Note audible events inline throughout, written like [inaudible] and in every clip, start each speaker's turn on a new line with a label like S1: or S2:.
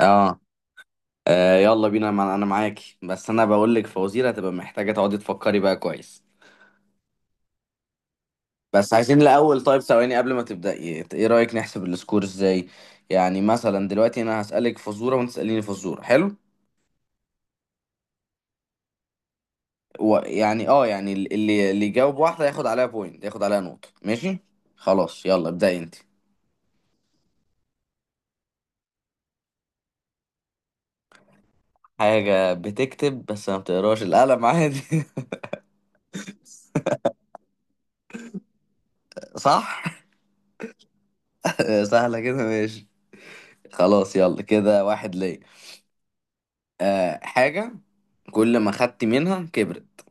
S1: اه يلا بينا انا معاكي، بس انا بقول لك فوازير هتبقى محتاجه تقعدي تفكري بقى كويس. بس عايزين الاول. طيب ثواني قبل ما تبداي، ايه رايك نحسب السكور ازاي؟ يعني مثلا دلوقتي انا هسالك فزوره وانت تساليني فزوره، حلو. ويعني اه يعني اللي يجاوب واحده ياخد عليها بوينت، ياخد عليها نقطه. ماشي، خلاص يلا ابداي انت. حاجه بتكتب بس ما بتقراش؟ القلم، عادي. [laughs] صح. [laughs] سهله كده، ماشي. خلاص، يلا كده واحد ليا. آه، حاجة كل ما خدت منها كبرت.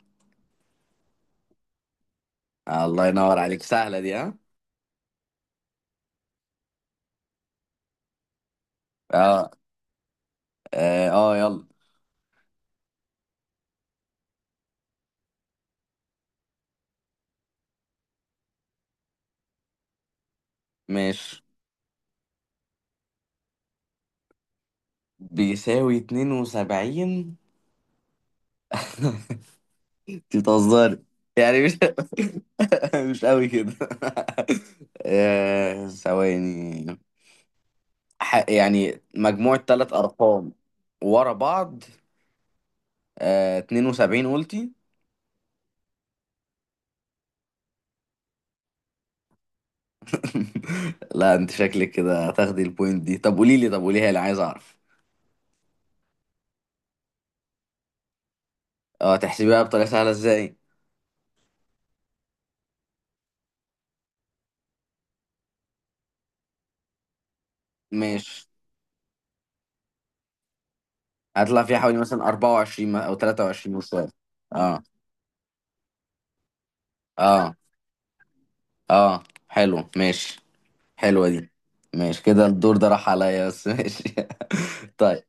S1: آه، الله ينور عليك، سهلة دي. ها اه. اه, آه، يلا. ماشي، بيساوي 72؟ انت [laughs] بتهزري؟ يعني مش [laughs] مش قوي كده. [laughs] آه، ثواني. يعني مجموع ثلاث ارقام ورا بعض، آه 72 قلتي. [laughs] لا، انت شكلك كده هتاخدي البوينت دي. طب قولي لي، طب قوليها لي، عايز اعرف. اه، تحسبيها بطريقه سهله ازاي؟ ماشي، هطلع فيها حوالي مثلا 24 او 23 مستوى. اه، اه، اه، حلو، ماشي. حلوة دي. ماشي، كده الدور ده راح عليا بس. [laughs] ماشي. طيب،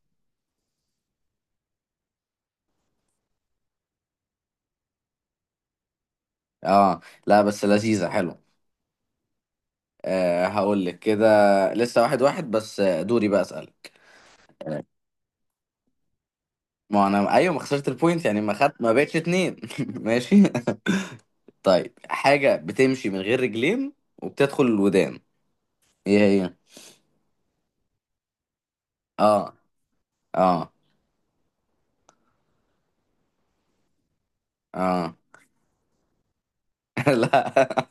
S1: اه. لا بس لذيذة، حلو. آه هقول لك كده. لسه واحد واحد بس، آه، دوري بقى اسألك. آه، ما انا ايوه، ما خسرت البوينت، يعني ما خدت، ما بقتش اتنين. [laughs] ماشي. [laughs] طيب، حاجة بتمشي من غير رجلين وبتدخل الودان، ايه هي؟ اه، اه، اه. [laughs] لا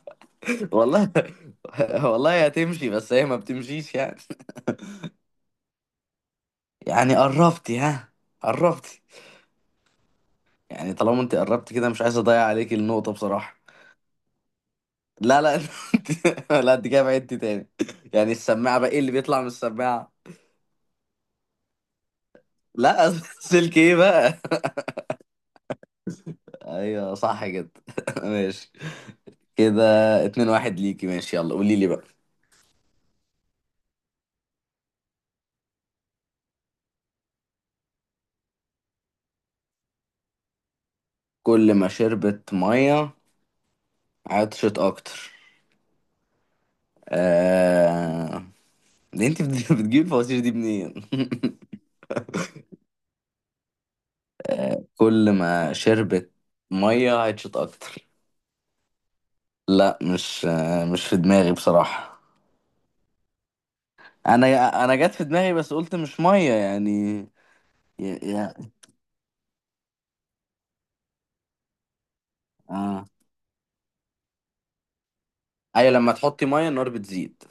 S1: والله. [laughs] والله هتمشي، بس هي ما بتمشيش يعني. يعني قربتي، ها، قربتي. يعني طالما انت قربتي كده مش عايز اضيع عليك النقطة بصراحة. لا لا. [laughs] انت، لا انت كده بعدتي تاني. يعني السماعة بقى، ايه اللي بيطلع من السماعة؟ لا، [laughs] سلك ايه بقى. ايوه، صح كده. [laughs] ماشي كده. اتنين واحد ليكي، ماشي، يلا قولي لي بقى. كل ما شربت مية عطشت اكتر. آه... ليه انت بتجيب الفوازير دي منين؟ [laughs] كل ما شربت ميه عطشت اكتر. لا مش، مش في دماغي بصراحه. انا انا جت في دماغي بس قلت مش ميه يعني. يا يا، اه، ايوه، لما تحطي ميه النار بتزيد.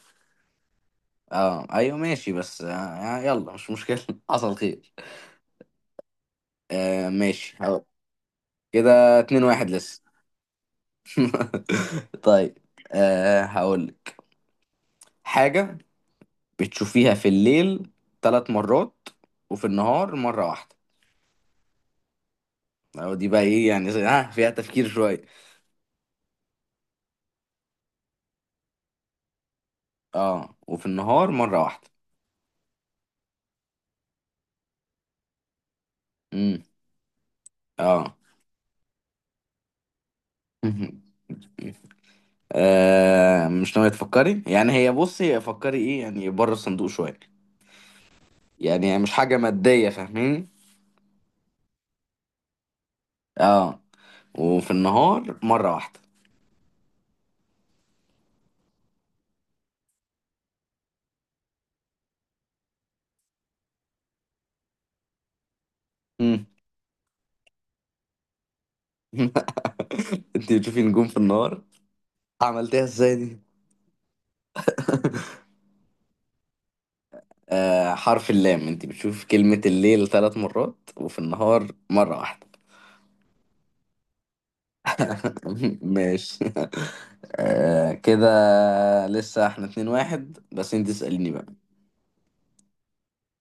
S1: اه ايوه ماشي بس آه. آه، يلا مش مشكله. [laughs] حصل خير. آه ماشي هقول. كده اتنين واحد لسه. [laughs] طيب، آه هقولك حاجه بتشوفيها في الليل ثلاث مرات وفي النهار مره واحده. أو دي بقى ايه يعني؟ ها، فيها تفكير شوية. اه، وفي النهار مرة واحدة. امم اه. [laughs] آه، مش ناوية تفكري يعني؟ هي بصي، فكري ايه يعني، بره الصندوق شوية، يعني مش حاجة مادية، فاهمين. اه، وفي النهار مرة واحدة. امم [laughs] انت بتشوفي نجوم في النهار؟ عملتيها ازاي دي؟ [laughs] آه، حرف اللام، انت بتشوفي كلمة الليل ثلاث مرات وفي النهار مرة واحدة. [laughs] ماشي. آه كده لسه احنا اتنين واحد، بس انت اسأليني بقى.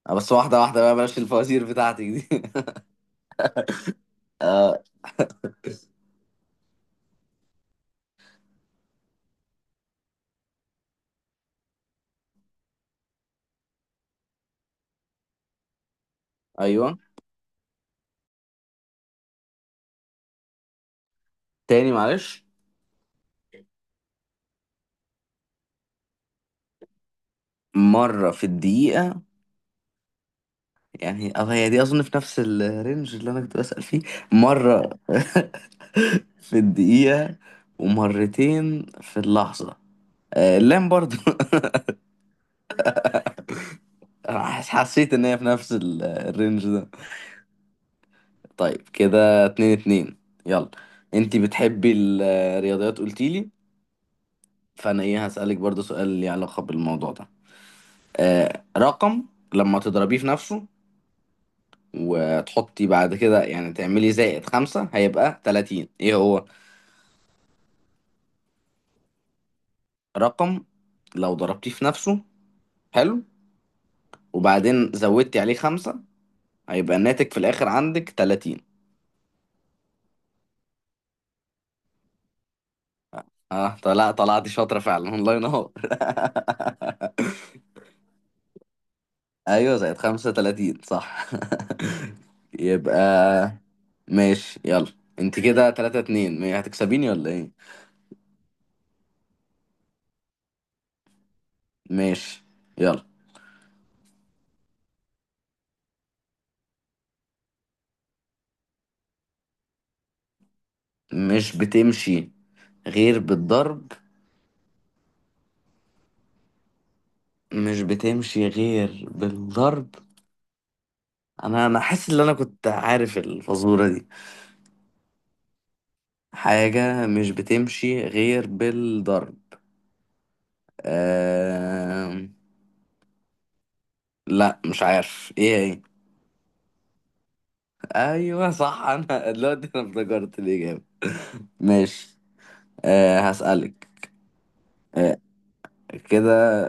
S1: آه، بس واحدة واحدة بقى، بلاش الفوازير بتاعتك دي. [laughs] ايوه، تاني معلش. مرة في الدقيقة، يعني اه هي دي اظن في نفس الرينج اللي انا كنت بسأل فيه. مرة [laughs] في الدقيقة ومرتين في اللحظة، آه اللام برضو. [laughs] حسيت ان هي في نفس الرينج ده. طيب كده اتنين اتنين. يلا، انتي بتحبي الرياضيات قلتيلي، فانا ايه، هسألك برضو سؤال ليه علاقة بالموضوع ده. آه، رقم لما تضربيه في نفسه، وتحطي بعد كده يعني تعملي زائد خمسة هيبقى تلاتين، ايه هو؟ رقم لو ضربتيه في نفسه، حلو، وبعدين زودتي عليه خمسة، هيبقى الناتج في الآخر عندك تلاتين. اه، طلع طلعتي شاطرة فعلا، الله ينور. [laughs] ايوه زائد 35، صح. [laughs] يبقى، ماشي يلا. انت كده 3-2 هتكسبيني ولا ايه؟ ماشي يلا. مش بتمشي غير بالضرب. مش بتمشي غير بالضرب، انا حاسس ان انا كنت عارف الفزورة دي، حاجة مش بتمشي غير بالضرب. آه... لا مش عارف ايه هي. ايوه صح. [laughs] انا دلوقتي انا افتكرت الاجابة. ماشي، أه هسألك. أه كده،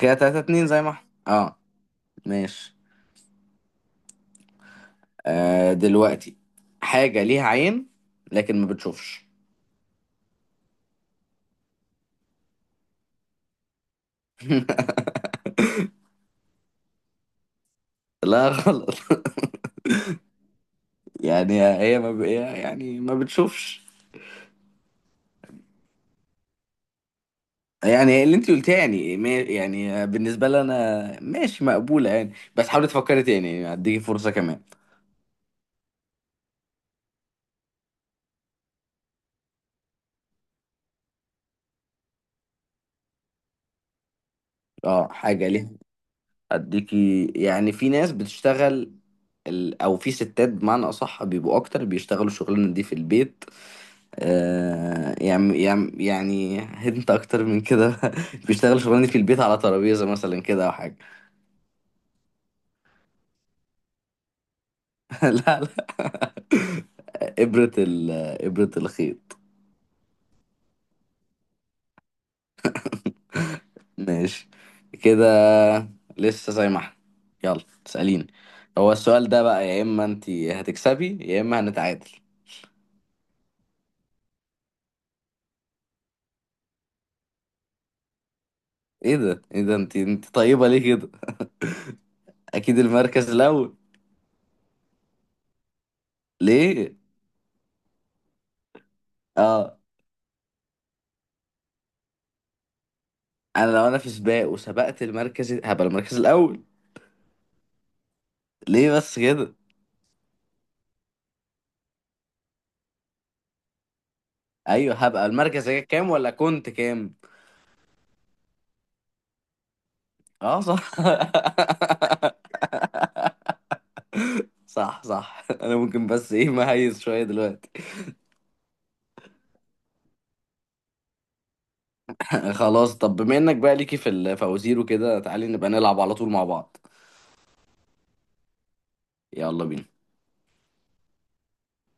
S1: كده تلاتة اتنين زي ما احنا. اه ماشي. أه، دلوقتي، حاجة ليها عين لكن ما بتشوفش. لا، [laughs] غلط. يعني هي ما ب... يعني ما بتشوفش. يعني اللي انت قلتيه، يعني يعني بالنسبة لي انا ماشي مقبولة يعني، بس حاولي تفكري تاني يعني، هديكي فرصة كمان. اه، حاجة ليها، هديكي يعني في ناس بتشتغل او في ستات بمعنى اصح بيبقوا اكتر، بيشتغلوا الشغلانة دي في البيت. آه، يعني انت اكتر من كده. [laughs] بيشتغل شغلانه في البيت على ترابيزه مثلا كده او حاجه. [laughs] لا لا، ابره ابره الخيط. ماشي كده، لسه زي ما احنا، يلا اساليني. هو السؤال ده بقى يا اما انت هتكسبي يا اما هنتعادل. ايه ده، ايه ده، انت طيبه ليه كده؟ اكيد المركز الاول. ليه؟ اه، انا لو انا في سباق وسبقت المركز هبقى المركز الاول. ليه بس كده؟ ايوه هبقى المركز، هيك كام ولا كنت كام؟ اه صح. [laughs] صح صح، انا ممكن بس ايه مهيز شويه دلوقتي. [laughs] خلاص، طب بما انك بقى ليكي في الفوازير وكده، تعالي نبقى نلعب على طول مع بعض. يلا بينا.